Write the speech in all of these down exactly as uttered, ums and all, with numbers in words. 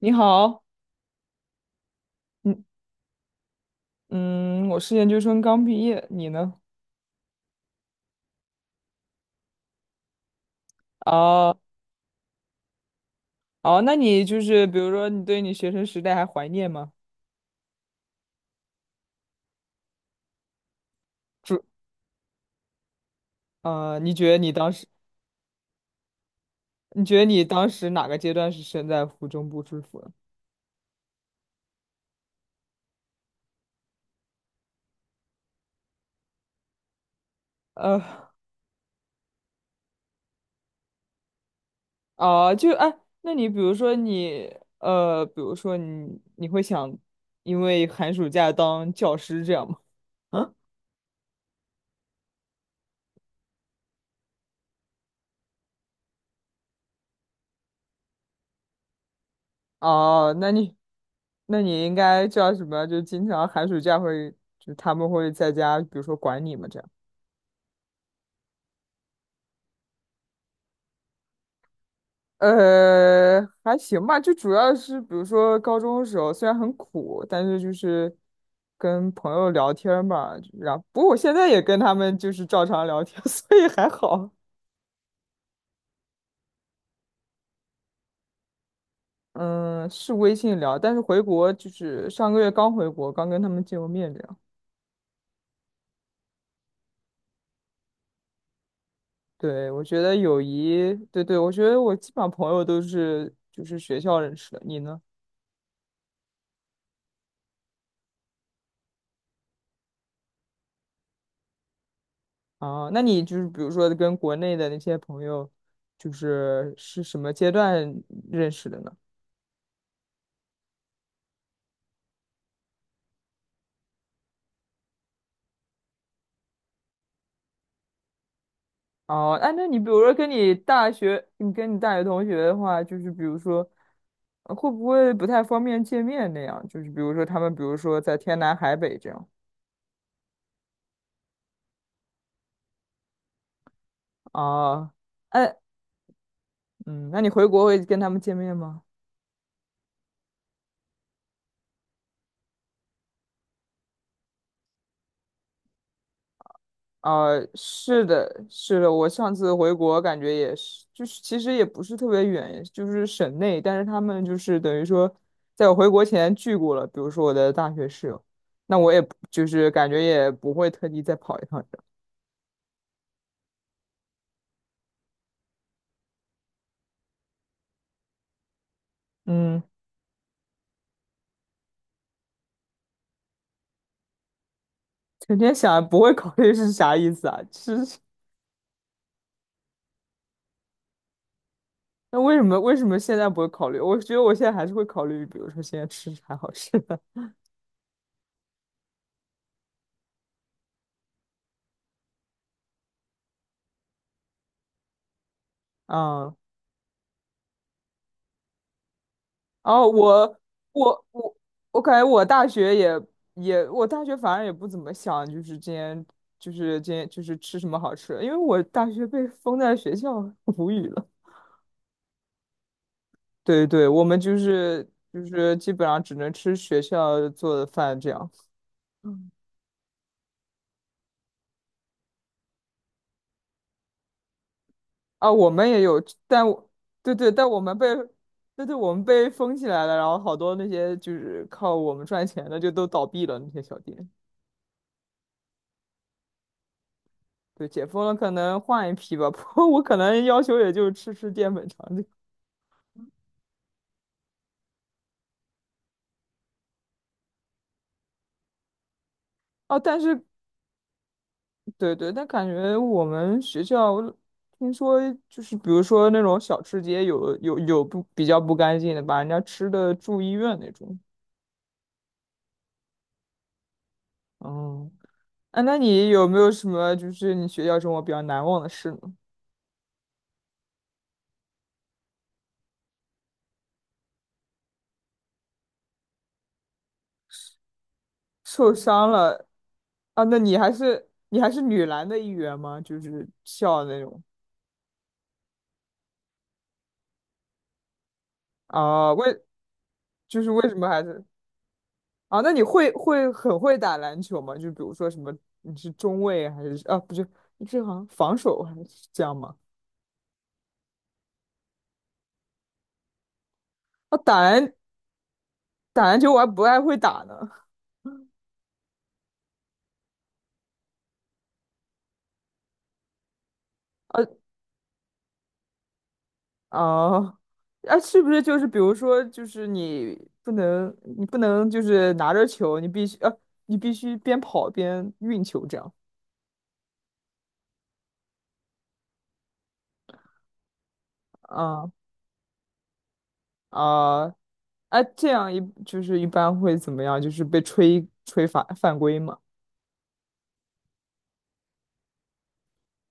你好，嗯嗯，我是研究生刚毕业，你呢？哦哦，那你就是比如说，你对你学生时代还怀念吗？是。呃，你觉得你当时，你觉得你当时哪个阶段是身在福中不知福的？呃，哦，就哎，那你比如说你，呃，比如说你，你会想因为寒暑假当教师这样吗？嗯。哦，那你，那你应该叫什么？就经常寒暑假会，就他们会在家，比如说管你们这样。呃，还行吧，就主要是比如说高中的时候，虽然很苦，但是就是跟朋友聊天儿嘛，然后不过我现在也跟他们就是照常聊天。所以还好。嗯，是微信聊，但是回国就是上个月刚回国，刚跟他们见过面，这样。对，我觉得友谊，对对，我觉得我基本上朋友都是就是学校认识的，你呢？啊，那你就是比如说跟国内的那些朋友，就是是什么阶段认识的呢？哦，哎，那你比如说跟你大学，你跟你大学同学的话，就是比如说，呃会不会不太方便见面那样？就是比如说他们，比如说在天南海北这样。啊，哎，嗯，那你回国会跟他们见面吗？啊，是的，是的，我上次回国感觉也是，就是其实也不是特别远，就是省内，但是他们就是等于说，在我回国前聚过了，比如说我的大学室友，那我也不就是感觉也不会特地再跑一趟这样。嗯。整天想不会考虑是啥意思啊？是，那为什么为什么现在不会考虑？我觉得我现在还是会考虑，比如说现在吃啥好吃的。嗯，后我我我我感觉我大学也也我大学反正也不怎么想，就是今天就是今天就是吃什么好吃的，因为我大学被封在学校。无语了。对对，我们就是就是基本上只能吃学校做的饭这样。啊，我们也有，但我对对，但我们被，对对，我们被封起来了，然后好多那些就是靠我们赚钱的就都倒闭了，那些小店。对，解封了可能换一批吧。不过我可能要求也就吃吃淀粉肠这个。哦，但是对对，但感觉我们学校听说就是比如说那种小吃街有有有不比较不干净的，把人家吃的住医院那种。嗯，啊，那你有没有什么就是你学校生活比较难忘的事呢？受伤了啊？那你还是你还是女篮的一员吗？就是笑的那种啊？为就是为什么还是啊？那你会会很会打篮球吗？就比如说什么你是中卫还是啊？不是，你是好像防守还是这样吗？啊，打篮打篮球我还不爱会打呢。啊啊啊！是不是就是比如说就是你不能你不能就是拿着球，你必须啊你必须边跑边运球这样。啊啊，哎，这样一就是一般会怎么样？就是被吹吹犯犯规嘛。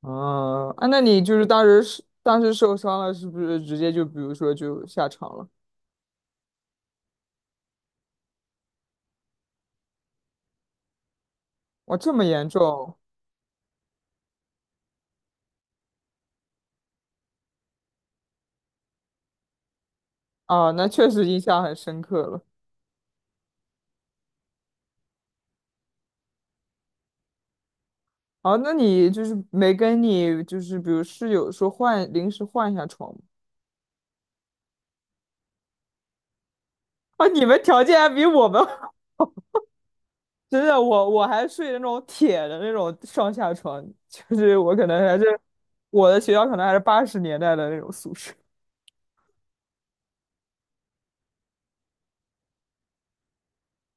啊啊，那你就是当时是当时受伤了，是不是直接就比如说就下场了？哇，这么严重啊？那确实印象很深刻了。哦，那你就是没跟你就是比如室友说换临时换一下床吗？啊，你们条件还比我们好。真的，我我还睡那种铁的那种上下床，就是我可能还是我的学校可能还是八十年代的那种宿舍。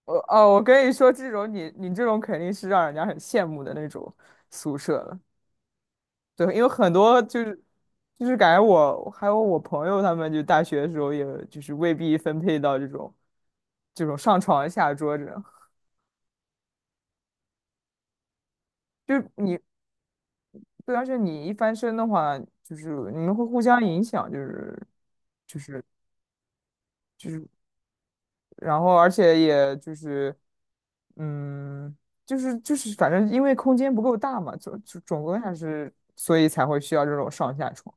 我哦，我跟你说，这种你你这种肯定是让人家很羡慕的那种宿舍了。对，因为很多就是就是感觉我还有我朋友他们，就大学的时候也就是未必分配到这种这种上床下桌这种。就是你对，而且你一翻身的话，就是你们会互相影响，就是然后而且也就是嗯，就是就是反正因为空间不够大嘛，总总总归还是所以才会需要这种上下床。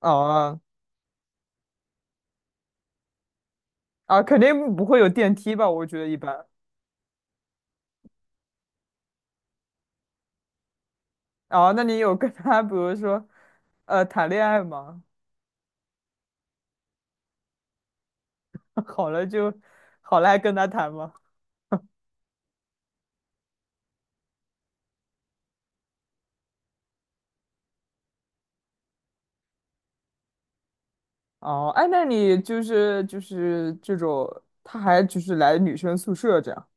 哦啊，肯定不会有电梯吧？我觉得一般。哦，那你有跟他，比如说，呃，谈恋爱吗？好了就，好了还跟他谈吗？哦，哎，那你就是就是这种，他还就是来女生宿舍这样。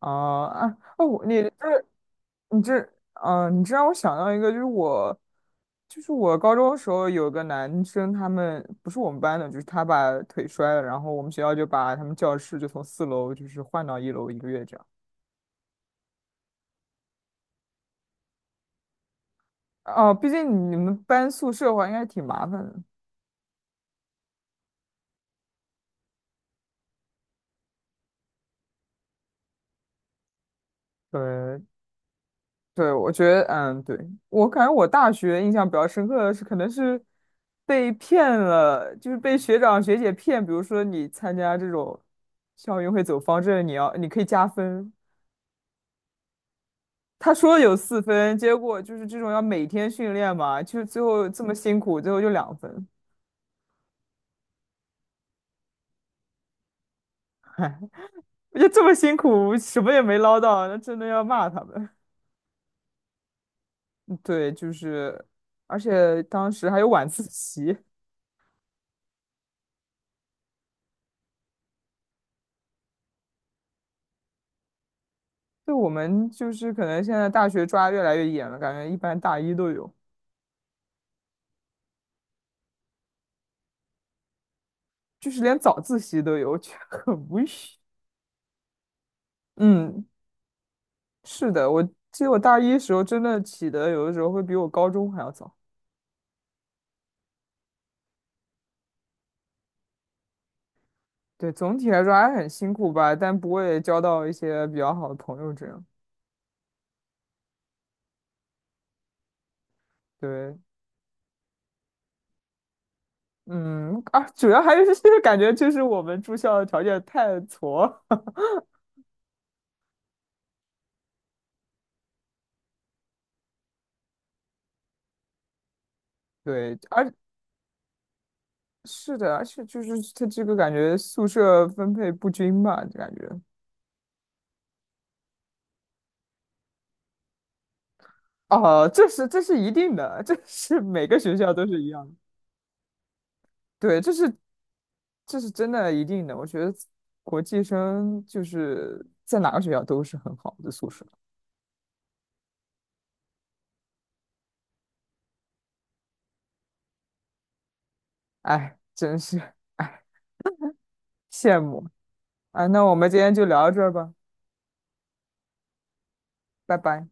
哦啊哦，我你这你这嗯、呃你这让我想到一个，就是我就是我高中的时候有个男生，他们不是我们班的，就是他把腿摔了，然后我们学校就把他们教室就从四楼就是换到一楼一个月这样。哦，毕竟你们搬宿舍的话，应该挺麻烦的。对，对，我觉得，嗯，对，我感觉我大学印象比较深刻的是，可能是被骗了，就是被学长学姐骗。比如说，你参加这种校运会走方阵，你要你可以加分。他说有四分，结果就是这种要每天训练嘛，就是最后这么辛苦，最后就两分。我觉得这么辛苦，什么也没捞到，那真的要骂他们。对，就是，而且当时还有晚自习，就我们就是可能现在大学抓越来越严了，感觉一般大一都有，就是连早自习都有，我觉得很无语。嗯，是的，我记得我大一时候真的起的有的时候会比我高中还要早。对，总体来说还很辛苦吧，但不会交到一些比较好的朋友这样。对，嗯，啊，主要还是。 感觉就是我们住校的条件太挫。对，而是的，而且就是它这个感觉宿舍分配不均吧，感觉。哦，这是这是一定的，这是每个学校都是一样的。对，这是这是真的一定的。我觉得国际生就是在哪个学校都是很好的宿舍。哎，真是哎，羡慕啊！那我们今天就聊到这儿吧，拜拜。